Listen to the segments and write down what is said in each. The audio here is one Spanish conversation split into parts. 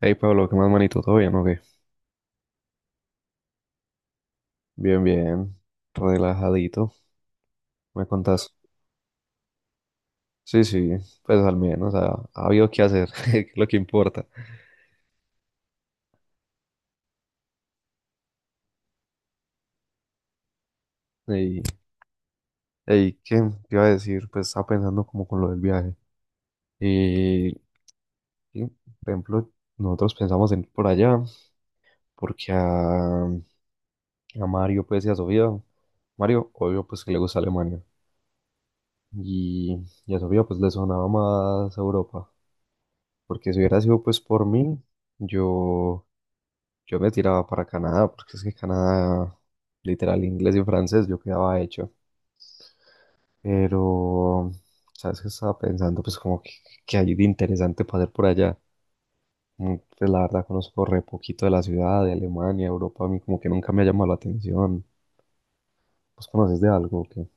Hey Pablo, ¿qué más manito? ¿Todo bien o qué? Bien, bien, relajadito, ¿me contás? Sí, sí, pues al menos ha habido que hacer, que es lo que importa. Y, hey, ¿qué te iba a decir? Pues estaba pensando como con lo del viaje. Y, por ejemplo, nosotros pensamos en ir por allá, porque a Mario, pues, y a Sofía, Mario, obvio, pues, que le gusta Alemania. Y, y a Sofía, pues, le sonaba más Europa, porque si hubiera sido, pues, por mí, yo... Yo me tiraba para Canadá, porque es que Canadá, literal, inglés y francés, yo quedaba hecho. Pero, ¿sabes qué estaba pensando? Pues como que hay de interesante para hacer por allá. Mm, pues la verdad conozco re poquito de la ciudad, de Alemania, Europa, a mí como que nunca me ha llamado la atención. ¿Vos conoces de algo o qué?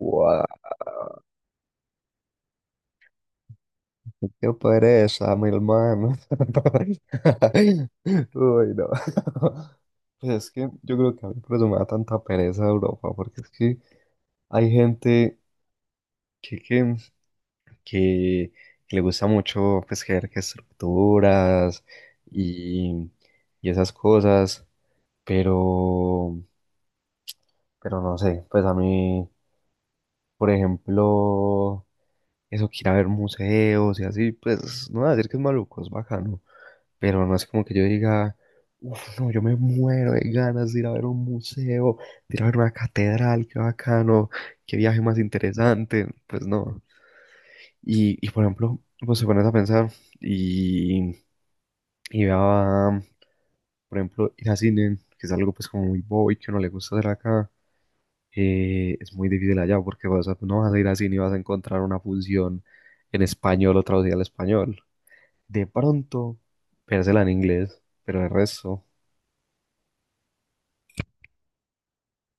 ¡Guau! ¡Qué pereza, mi hermano! Uy, no. Pues es que yo creo que a mí por eso me da tanta pereza Europa, porque es que hay gente que, que, que le gusta mucho pues crear que estructuras y, y esas cosas, pero, pero no sé, pues a mí, por ejemplo, eso que ir a ver museos y así, pues no voy a decir que es maluco, es bacano, pero no es como que yo diga, uff, no, yo me muero de ganas de ir a ver un museo, de ir a ver una catedral, qué bacano, qué viaje más interesante, pues no. Por ejemplo, pues se pones a pensar y, y vea, por ejemplo, ir a cine, que es algo pues como muy bobo y que no le gusta hacer acá, es muy difícil allá porque vas a, no vas a ir a cine y vas a encontrar una función en español o traducida al español. De pronto, véasela en inglés, pero el resto,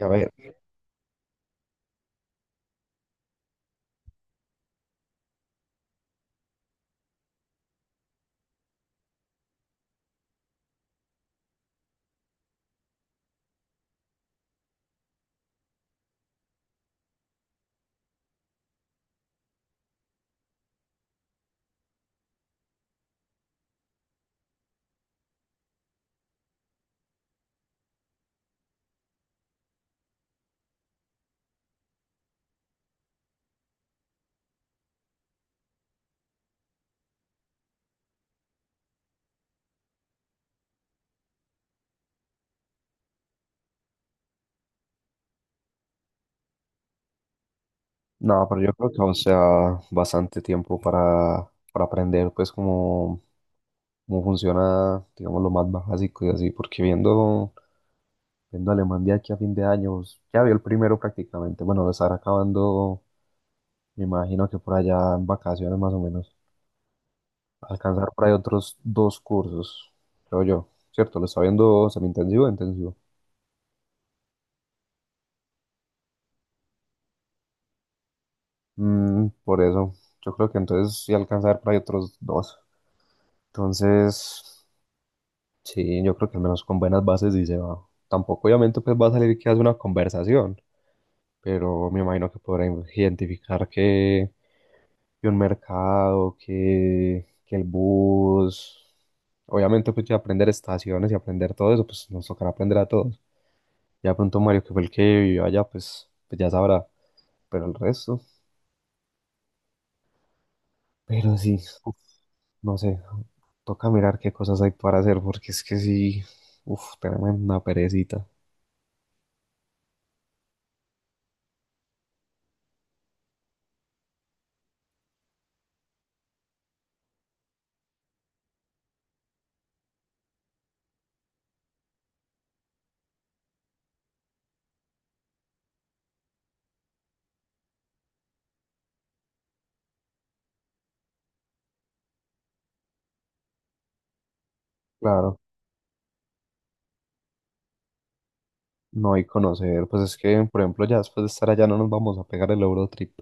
a ver, no, pero yo creo que aún sea bastante tiempo para aprender pues como cómo funciona, digamos, lo más básico y así, porque viendo Alemán de aquí a fin de año, pues, ya vio el primero prácticamente. Bueno, lo estará acabando, me imagino que por allá en vacaciones más o menos. Alcanzar por ahí otros dos cursos, creo yo. Cierto, lo está viendo semi-intensivo e intensivo. Mm, por eso, yo creo que entonces sí alcanzar por ahí otros dos. Entonces, sí, yo creo que al menos con buenas bases sí se va. Tampoco obviamente pues va a salir que hace una conversación, pero me imagino que podrá identificar que un mercado, que el bus. Obviamente, pues ya aprender estaciones y aprender todo eso, pues nos tocará aprender a todos. Ya pronto Mario, que fue el que vivió allá, pues ya sabrá, pero el resto, pero sí, uf, no sé, toca mirar qué cosas hay para hacer, porque es que sí, uff, tenemos una perecita. Claro, no hay conocer, pues es que, por ejemplo, ya después de estar allá no nos vamos a pegar el Eurotrip,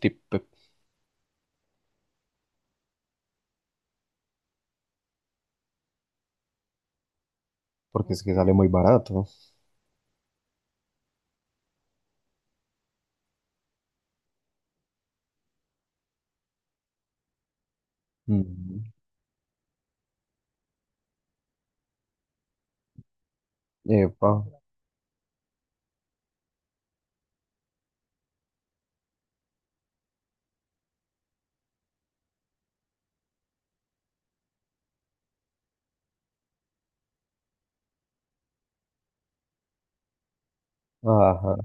trip, porque es que sale muy barato. Mm, epa, ajá,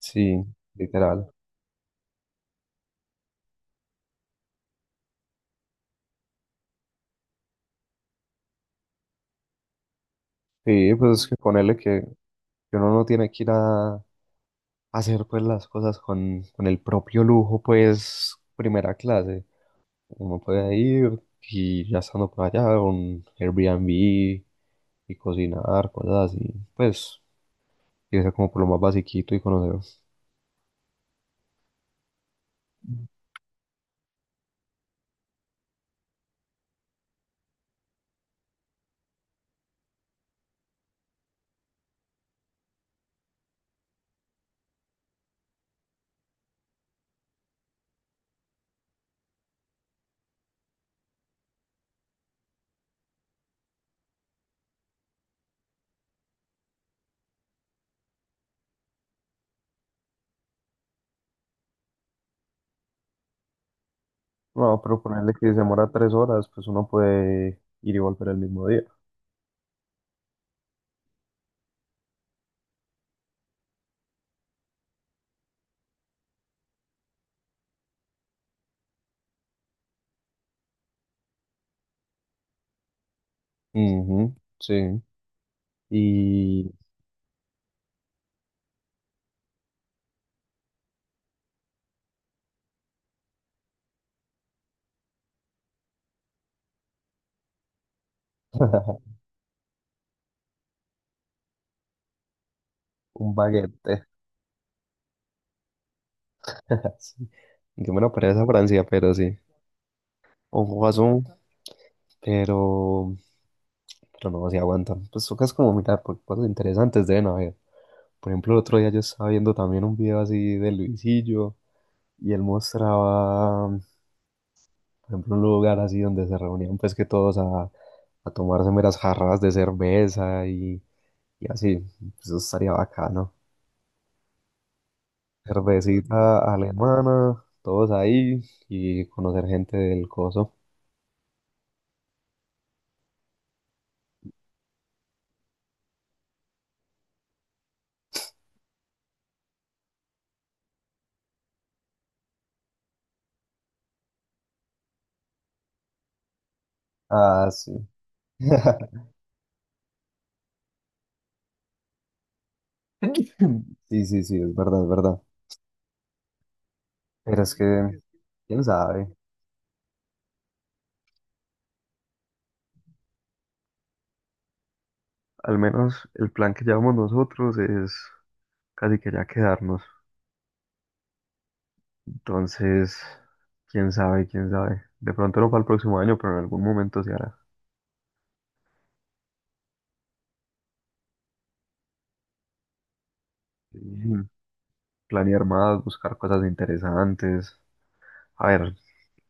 sí, literal. Sí, pues es que que uno no tiene que ir a hacer pues las cosas con el propio lujo, pues primera clase. Uno puede ir y ya estando por allá, un Airbnb y cocinar, cosas así. Pues irse como por lo más basiquito y conocer. No, pero ponerle que se demora 3 horas, pues uno puede ir y volver el mismo día. Ujú, sí. Y un baguette yo me lo parece a Francia, pero sí. Un jugazo, pero, pero no se aguantan. Pues tocas como mirar, porque cosas interesantes deben haber. Por ejemplo, el otro día yo estaba viendo también un video así de Luisillo y él mostraba, por ejemplo, un lugar así donde se reunían pues que todos a tomarse meras jarras de cerveza y así. Pues, eso estaría bacano. Cervecita alemana, todos ahí y conocer gente del coso. Ah, sí. Sí, sí, sí, es verdad, es verdad. Pero es que, quién sabe. Al menos el plan que llevamos nosotros es casi que ya quedarnos. Entonces, quién sabe, quién sabe. De pronto no para el próximo año, pero en algún momento se hará. Mm, planear más, buscar cosas interesantes. A ver,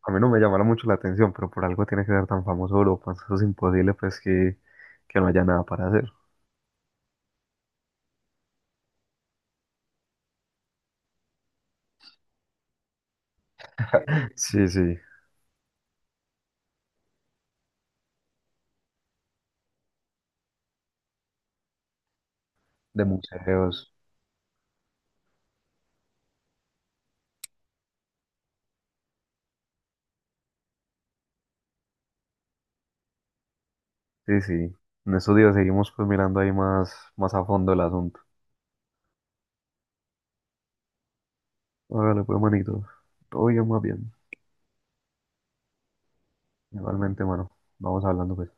a mí no me llamará mucho la atención, pero por algo tiene que ser tan famoso Europa. Eso es imposible, pues, que no haya nada para hacer. Sí, sí, de museos. Sí, sí. En estos días seguimos pues mirando ahí más, más a fondo el asunto. Hágale pues, manito. Todo bien, más bien. Igualmente, mano. Vamos hablando, pues.